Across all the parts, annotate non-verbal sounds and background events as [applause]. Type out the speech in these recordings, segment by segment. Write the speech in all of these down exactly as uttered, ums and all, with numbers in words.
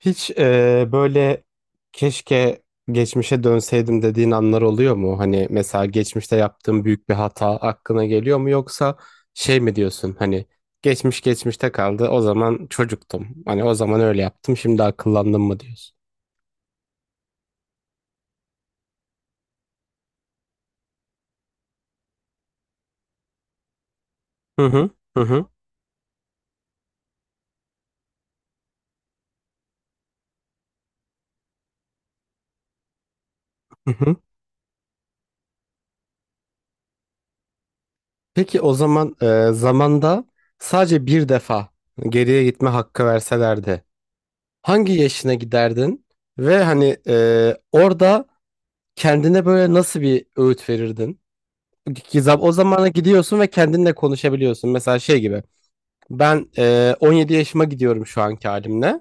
Hiç eee, böyle keşke geçmişe dönseydim dediğin anlar oluyor mu? Hani mesela geçmişte yaptığın büyük bir hata aklına geliyor mu, yoksa şey mi diyorsun, hani geçmiş geçmişte kaldı, o zaman çocuktum? Hani o zaman öyle yaptım, şimdi akıllandım mı diyorsun? Hı hı. Hı hı. Hı hı. Peki o zaman eee, zamanda sadece bir defa geriye gitme hakkı verselerdi hangi yaşına giderdin ve hani eee, orada kendine böyle nasıl bir öğüt verirdin? Gizap o zamana gidiyorsun ve kendinle konuşabiliyorsun. Mesela şey gibi ben e, on yedi yaşıma gidiyorum şu anki halimle.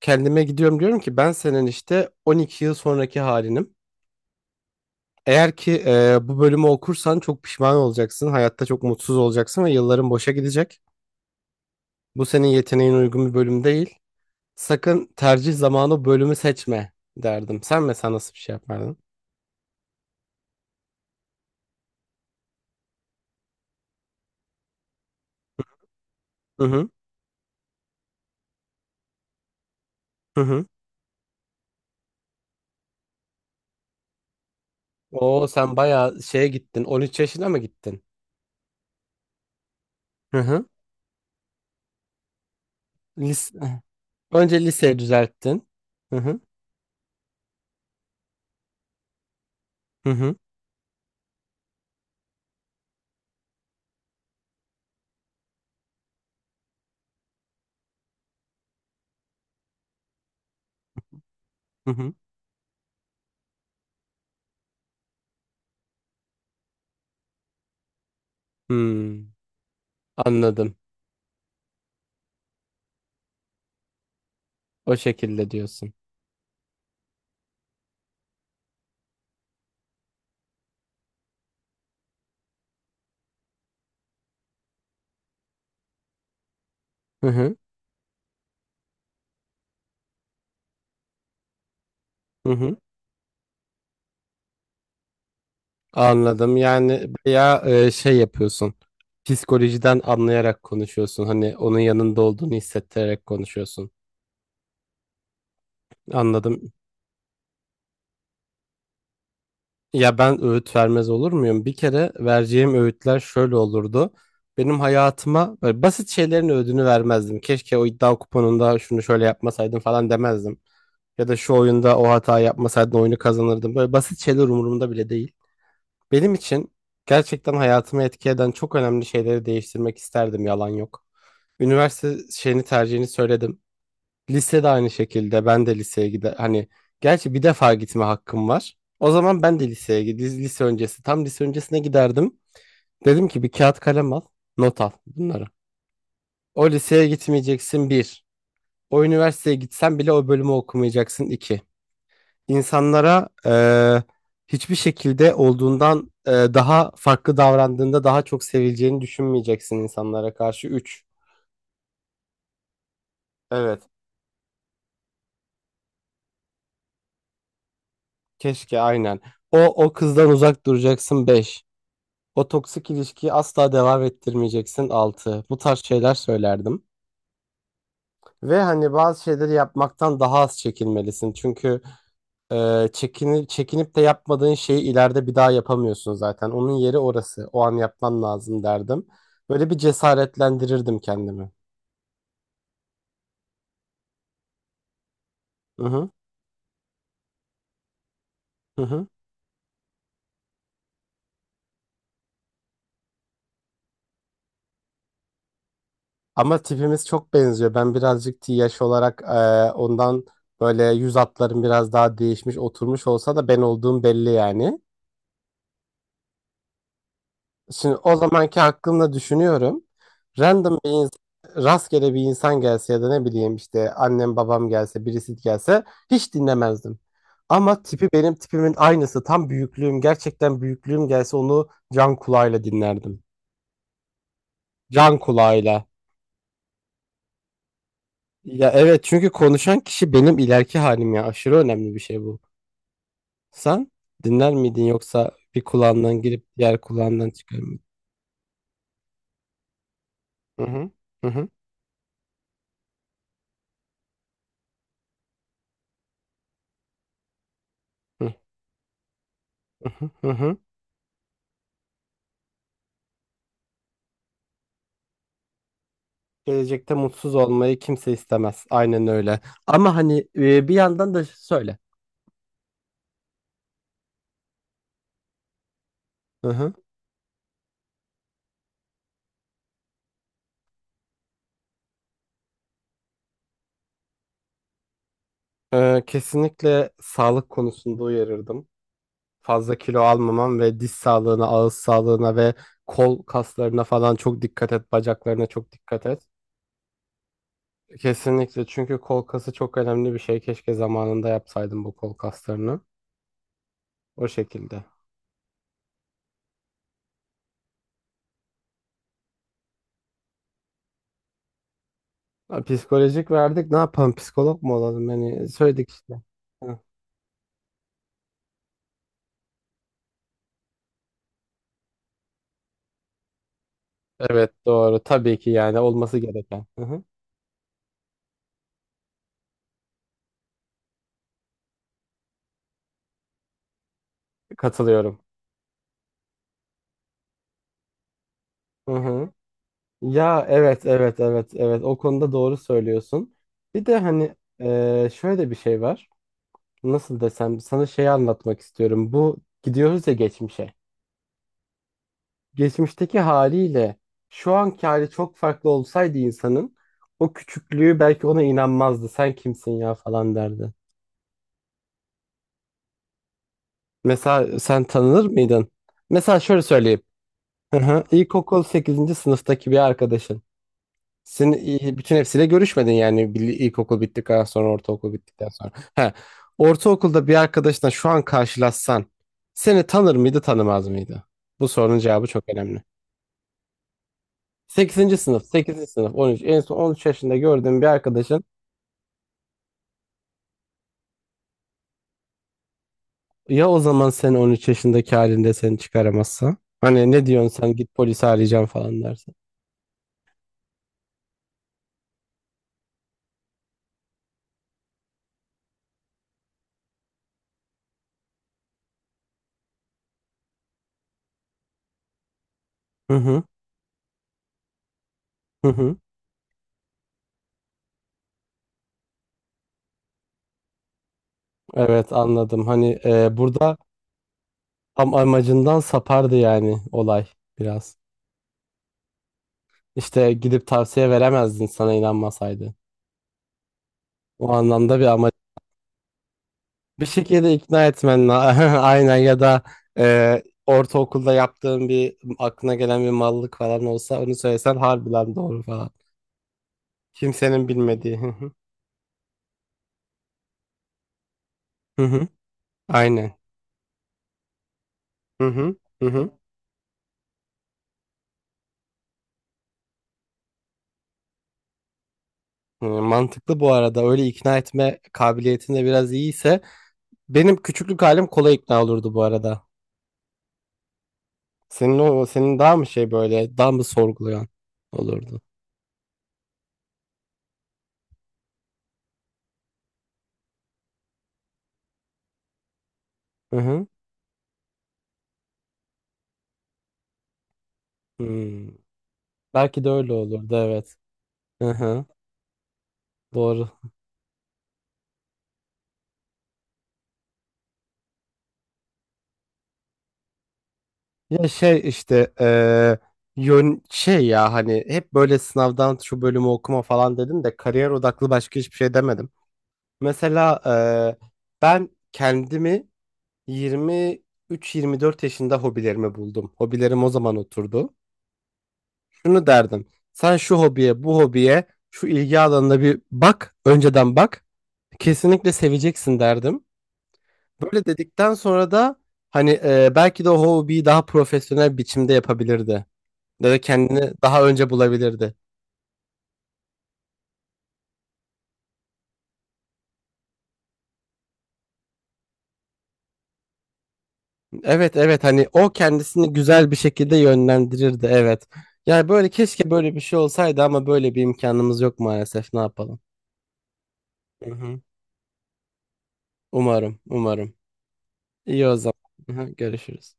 Kendime gidiyorum, diyorum ki ben senin işte on iki yıl sonraki halinim. Eğer ki e, bu bölümü okursan çok pişman olacaksın. Hayatta çok mutsuz olacaksın ve yılların boşa gidecek. Bu senin yeteneğin uygun bir bölüm değil. Sakın tercih zamanı bölümü seçme derdim. Sen mesela nasıl bir şey yapardın? Hı hı. Hı hı. Oo, sen bayağı şeye gittin. on üç yaşına mı gittin? Hı hı. Lis- Önce liseyi düzelttin. Hı hı. Hı hı. Hı hı. Hmm, anladım. O şekilde diyorsun. Hı hı. Hı hı. Anladım. Yani bayağı e, şey yapıyorsun. Psikolojiden anlayarak konuşuyorsun. Hani onun yanında olduğunu hissettirerek konuşuyorsun. Anladım. Ya ben öğüt vermez olur muyum? Bir kere, vereceğim öğütler şöyle olurdu. Benim hayatıma böyle basit şeylerin öğüdünü vermezdim. Keşke o iddia kuponunda şunu şöyle yapmasaydım falan demezdim. Ya da şu oyunda o hata yapmasaydın oyunu kazanırdım. Böyle basit şeyler umurumda bile değil. Benim için gerçekten hayatımı etki eden çok önemli şeyleri değiştirmek isterdim, yalan yok. Üniversite şeyini, tercihini söyledim. Lise de aynı şekilde, ben de liseye gide hani, gerçi bir defa gitme hakkım var. O zaman ben de liseye gid- lise öncesi, tam lise öncesine giderdim. Dedim ki bir kağıt kalem al, not al bunları. O liseye gitmeyeceksin, bir. O üniversiteye gitsen bile o bölümü okumayacaksın, iki. İnsanlara eee, hiçbir şekilde olduğundan eee, daha farklı davrandığında daha çok sevileceğini düşünmeyeceksin insanlara karşı, üç. Evet. Keşke aynen. O, o kızdan uzak duracaksın, beş. O toksik ilişkiyi asla devam ettirmeyeceksin, altı. Bu tarz şeyler söylerdim. Ve hani bazı şeyleri yapmaktan daha az çekinmelisin. Çünkü Ee, çekini- çekinip de yapmadığın şeyi ileride bir daha yapamıyorsun zaten. Onun yeri orası. O an yapman lazım derdim. Böyle bir cesaretlendirirdim kendimi. Hı hı, hı hı. Ama tipimiz çok benziyor. Ben birazcık T yaş olarak e, ondan böyle yüz hatlarım biraz daha değişmiş, oturmuş olsa da ben olduğum belli yani. Şimdi o zamanki aklımla düşünüyorum. Random bir insan, rastgele bir insan gelse, ya da ne bileyim işte annem babam gelse, birisi gelse hiç dinlemezdim. Ama tipi benim tipimin aynısı, tam büyüklüğüm, gerçekten büyüklüğüm gelse, onu can kulağıyla dinlerdim. Can kulağıyla. Ya evet, çünkü konuşan kişi benim ileriki halim, ya aşırı önemli bir şey bu. Sen dinler miydin, yoksa bir kulağından girip diğer kulağından çıkar mıydın? Hı hı. Hı hı. Hı hı. Hı hı. Gelecekte mutsuz olmayı kimse istemez. Aynen öyle. Ama hani e, bir yandan da söyle. Hı hı. Ee, kesinlikle sağlık konusunda uyarırdım. Fazla kilo almaman ve diş sağlığına, ağız sağlığına ve kol kaslarına falan çok dikkat et. Bacaklarına çok dikkat et. Kesinlikle çünkü kol kası çok önemli bir şey. Keşke zamanında yapsaydım bu kol kaslarını. O şekilde. Ha, psikolojik verdik. Ne yapalım? Psikolog mu olalım? Hani söyledik işte. Hı. Evet doğru. Tabii ki, yani olması gereken. Hı hı. Katılıyorum. Hı hı. Ya evet, evet, evet, evet, o konuda doğru söylüyorsun. Bir de hani e, şöyle bir şey var. Nasıl desem, sana şeyi anlatmak istiyorum. Bu gidiyoruz ya geçmişe. Geçmişteki haliyle şu anki hali çok farklı olsaydı insanın, o küçüklüğü belki ona inanmazdı. Sen kimsin ya falan derdi. Mesela sen tanınır mıydın? Mesela şöyle söyleyeyim. Hı hı. İlkokul sekizinci sınıftaki bir arkadaşın. Sen e, bütün hepsiyle görüşmedin yani, Bil- ilkokul bittikten sonra, ortaokul bittikten sonra. He. Ortaokulda bir arkadaşla şu an karşılaşsan seni tanır mıydı, tanımaz mıydı? Bu sorunun cevabı çok önemli. Sekizinci sınıf, sekizinci sınıf, on üç. En son on üç yaşında gördüğün bir arkadaşın, ya o zaman sen on üç yaşındaki halinde seni çıkaramazsa? Hani ne diyorsun, sen git polisi arayacağım falan dersin. Hı hı, hı hı. Evet, anladım. Hani e, burada tam amacından sapardı yani olay biraz. İşte gidip tavsiye veremezdin, sana inanmasaydı. O anlamda bir, ama bir şekilde ikna etmen la- [laughs] aynen, ya da e, ortaokulda yaptığın, bir aklına gelen bir mallık falan olsa onu söylesen, harbiden doğru falan. Kimsenin bilmediği. [laughs] Hı hı. Hı hı. Aynen. Hı hı. Hı hı. Hı, mantıklı bu arada. Öyle ikna etme kabiliyetinde de biraz iyiyse benim küçüklük halim kolay ikna olurdu bu arada. Senin, o senin daha mı şey, böyle daha mı sorgulayan olurdu? Hı hı. Hı. Belki de öyle olurdu, evet. Hı hı, doğru. Ya şey işte eee, yön şey ya, hani hep böyle sınavdan şu bölümü okuma falan dedim de kariyer odaklı başka hiçbir şey demedim. Mesela eee, ben kendimi yirmi üç, yirmi dört yaşında hobilerimi buldum. Hobilerim o zaman oturdu. Şunu derdim. Sen şu hobiye, bu hobiye, şu ilgi alanına bir bak, önceden bak. Kesinlikle seveceksin derdim. Böyle dedikten sonra da hani e, belki de o hobiyi daha profesyonel biçimde yapabilirdi. Ya da kendini daha önce bulabilirdi. Evet, evet, hani o kendisini güzel bir şekilde yönlendirirdi, evet. Yani böyle, keşke böyle bir şey olsaydı ama böyle bir imkanımız yok maalesef, ne yapalım. Hı hı. Umarım, umarım. İyi o zaman. Hı hı, görüşürüz.